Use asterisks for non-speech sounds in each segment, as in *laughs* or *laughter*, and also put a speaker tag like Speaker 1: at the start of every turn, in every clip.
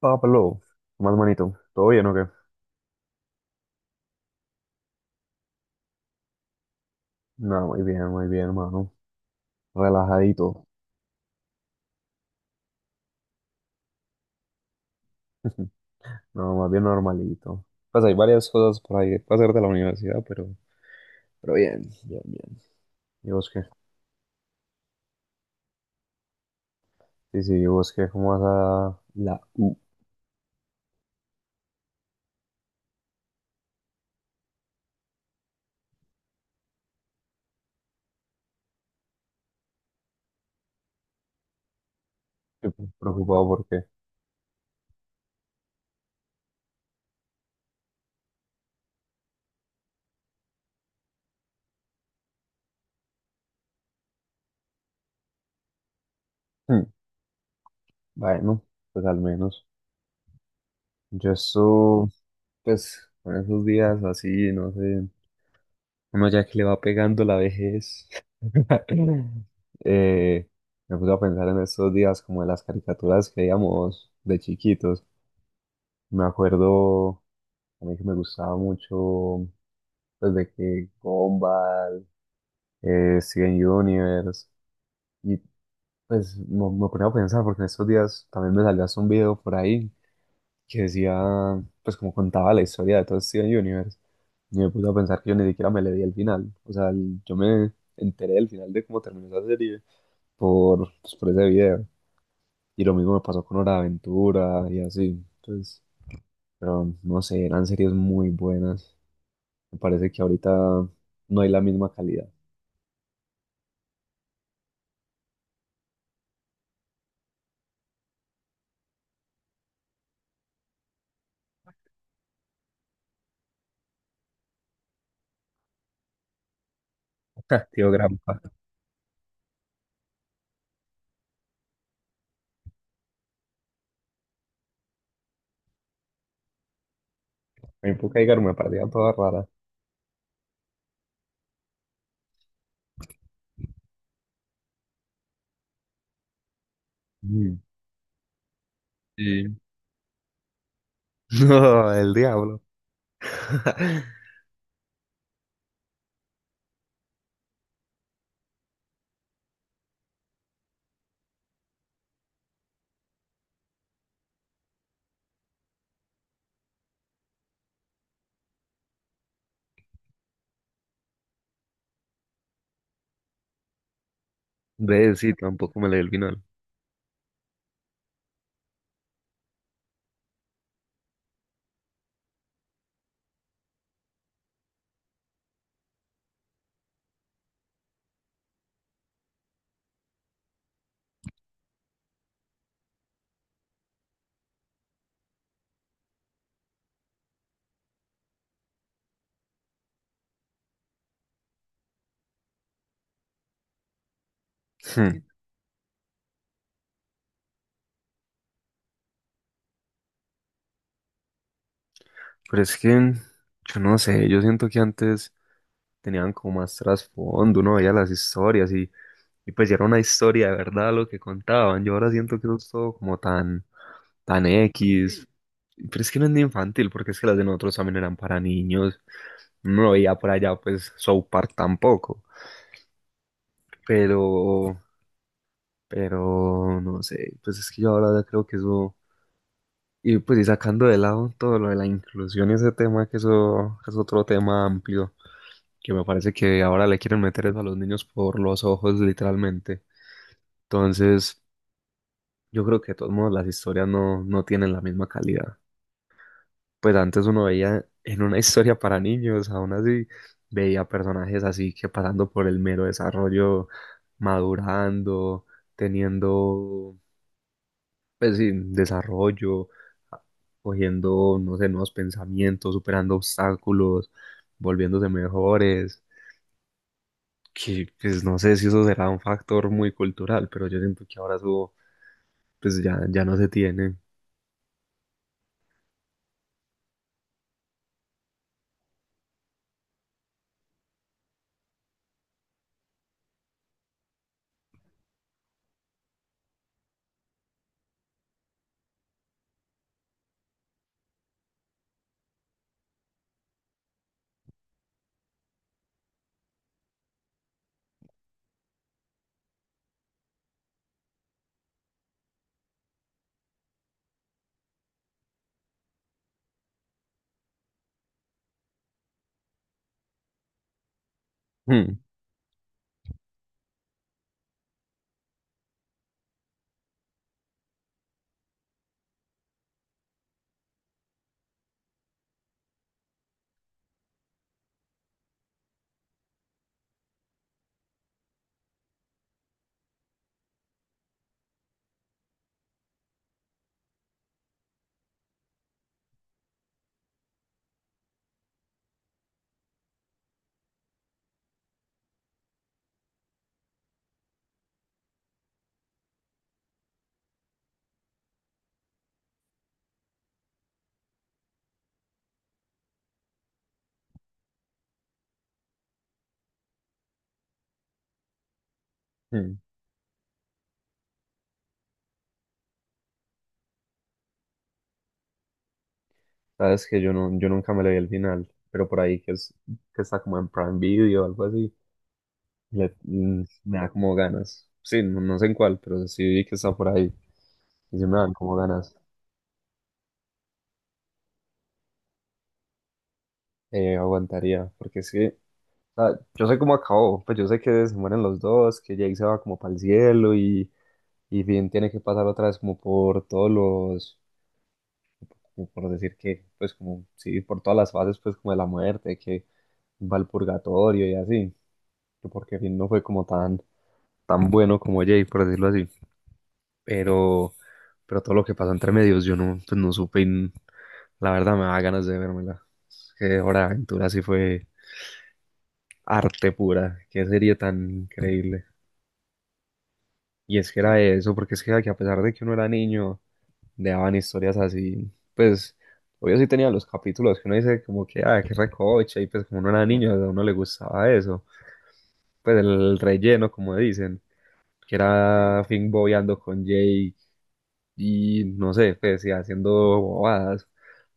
Speaker 1: Pablo, más manito, ¿todo bien o qué? No, muy bien, hermano. Relajadito, no, más bien normalito. Pues hay varias cosas por ahí para hacer de la universidad, pero bien, bien, bien. ¿Y vos qué? Sí, sí, ¿y vos qué? ¿Cómo vas a la U? Estoy preocupado porque, hmm, bueno, pues al menos. Yo eso, pues, con esos días así, no sé, uno ya que le va pegando la vejez. Eh, Me puse a pensar en estos días como en las caricaturas que veíamos de chiquitos. Me acuerdo a mí que me gustaba mucho, pues de que Gumball, Steven Universe, y pues me ponía a pensar porque en estos días también me salió hasta un video por ahí que decía, pues como contaba la historia de todo Steven Universe. Y me puse a pensar que yo ni siquiera me le di el final. O sea, yo me enteré del final de cómo terminó esa serie por, pues, por ese video. Y lo mismo me pasó con Hora de Aventura y así. Entonces, pero no sé, eran series muy buenas. Me parece que ahorita no hay la misma calidad. *laughs* Tío Grampa. En época Edgar me parecía toda rara. Mm. Sí. *laughs* No, el diablo. *laughs* Ve, sí, tampoco me leí el final. Hmm. Pero es que yo no sé, yo siento que antes tenían como más trasfondo, uno veía las historias y pues ya era una historia de verdad lo que contaban. Yo ahora siento que eso es todo como tan X, pero es que no es ni infantil, porque es que las de nosotros también eran para niños, no lo veía por allá pues South Park tampoco, pero, pero no sé, pues es que yo ahora creo que eso... Y pues y sacando de lado todo lo de la inclusión y ese tema, que eso es otro tema amplio, que me parece que ahora le quieren meter eso a los niños por los ojos, literalmente. Entonces, yo creo que de todos modos las historias no tienen la misma calidad. Pues antes uno veía en una *laughs* historia para niños, aún así veía personajes así que pasando por el mero desarrollo, madurando, teniendo, pues sí, desarrollo, a- cogiendo, no sé, nuevos pensamientos, superando obstáculos, volviéndose mejores. Que pues no sé si eso será un factor muy cultural, pero yo siento que ahora eso pues ya, ya no se tiene. *laughs* Mm, mm. Sabes que yo, no, yo nunca me le vi el final, pero por ahí que, es, que está como en Prime Video o algo así, me da como ganas. Sí, no, no sé en cuál, pero sí vi que está por ahí y sí me dan como ganas. Aguantaría, porque sí, o sea, yo sé cómo acabó, pues yo sé que se mueren los dos, que Jake se va como para el cielo y Finn tiene que pasar otra vez como por todos como por decir que, pues como, sí, por todas las fases pues como de la muerte, que va al purgatorio y así, que porque Finn no fue como tan tan bueno como Jay, por decirlo así. Pero, pero todo lo que pasó entre medios, yo no, pues no supe la verdad me da ganas de vérmela. Es que Hora de Aventura sí fue arte pura, qué serie tan increíble. Y es que era eso, porque es que a pesar de que uno era niño, le daban historias así, pues obvio sí tenía los capítulos que uno dice como que, ah, qué recoche, y pues como uno era niño, a uno le gustaba eso, pues el relleno, como dicen que era Finn bobeando con Jake y no sé, pues sí, haciendo bobadas,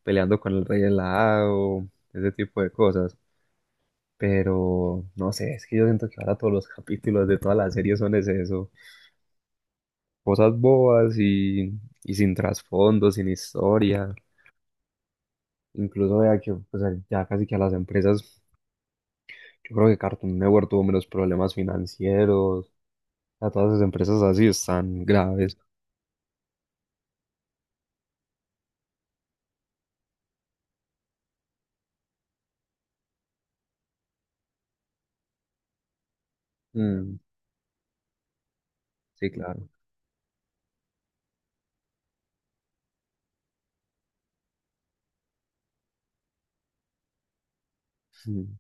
Speaker 1: peleando con el rey helado, ese tipo de cosas. Pero no sé, es que yo siento que ahora todos los capítulos de todas las series son es eso, cosas bobas y sin trasfondo, sin historia. Incluso vea que pues, ya casi que a las empresas, yo creo que Cartoon Network tuvo menos problemas financieros, a todas esas empresas así están graves. Mm, sí, claro. Mm.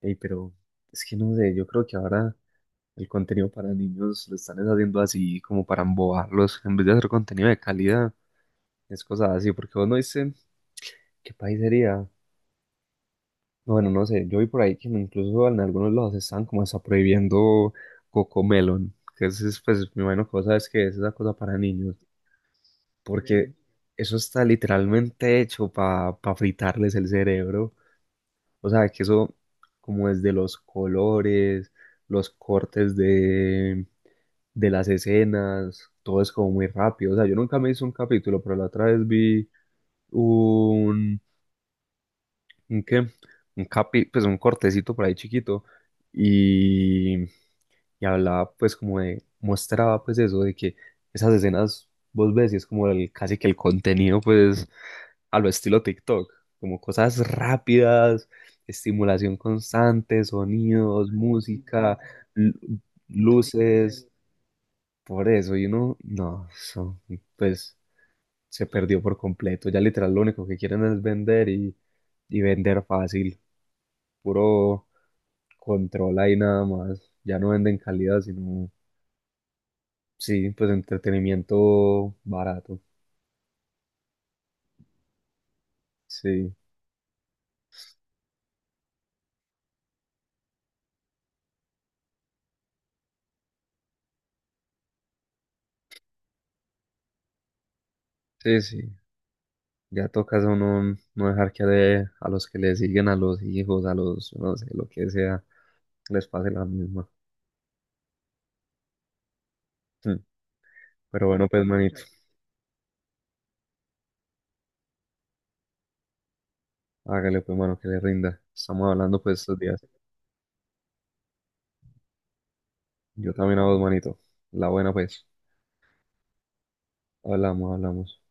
Speaker 1: Ey, pero es que no sé, yo creo que ahora el contenido para niños lo están es haciendo así como para embobarlos. En vez de hacer contenido de calidad, es cosas así. Porque vos no dice qué país sería. Bueno, no sé. Yo vi por ahí que incluso en algunos lados están como hasta prohibiendo Cocomelon. Que es, pues, me imagino que vos sabes que es esa cosa para niños. Porque eso está literalmente hecho para fritarles el cerebro. O sea, que eso, como desde los colores, los cortes de las escenas, todo es como muy rápido. O sea, yo nunca me hice un capítulo, pero la otra vez vi un, ¿un qué? Un capi, pues un cortecito por ahí chiquito y, y hablaba pues como de, mostraba pues eso de que esas escenas vos ves y es como el, casi que el contenido pues a lo estilo TikTok, como cosas rápidas, estimulación constante, sonidos, música, lu- luces. Por eso, y uno, no, eso, pues se perdió por completo. Ya literal lo único que quieren es vender y vender fácil, puro control ahí nada más. Ya no venden calidad, sino, sí, pues entretenimiento barato. Sí, sí, sí. Ya toca a uno no dejar a los que le siguen, a los hijos, a los, no sé, lo que sea, les pase la misma. Mm. Pero bueno, pues manito, hágale pues mano que le rinda. Estamos hablando pues estos días. Yo también hago dos manitos. La buena, pues. Hablamos, hablamos.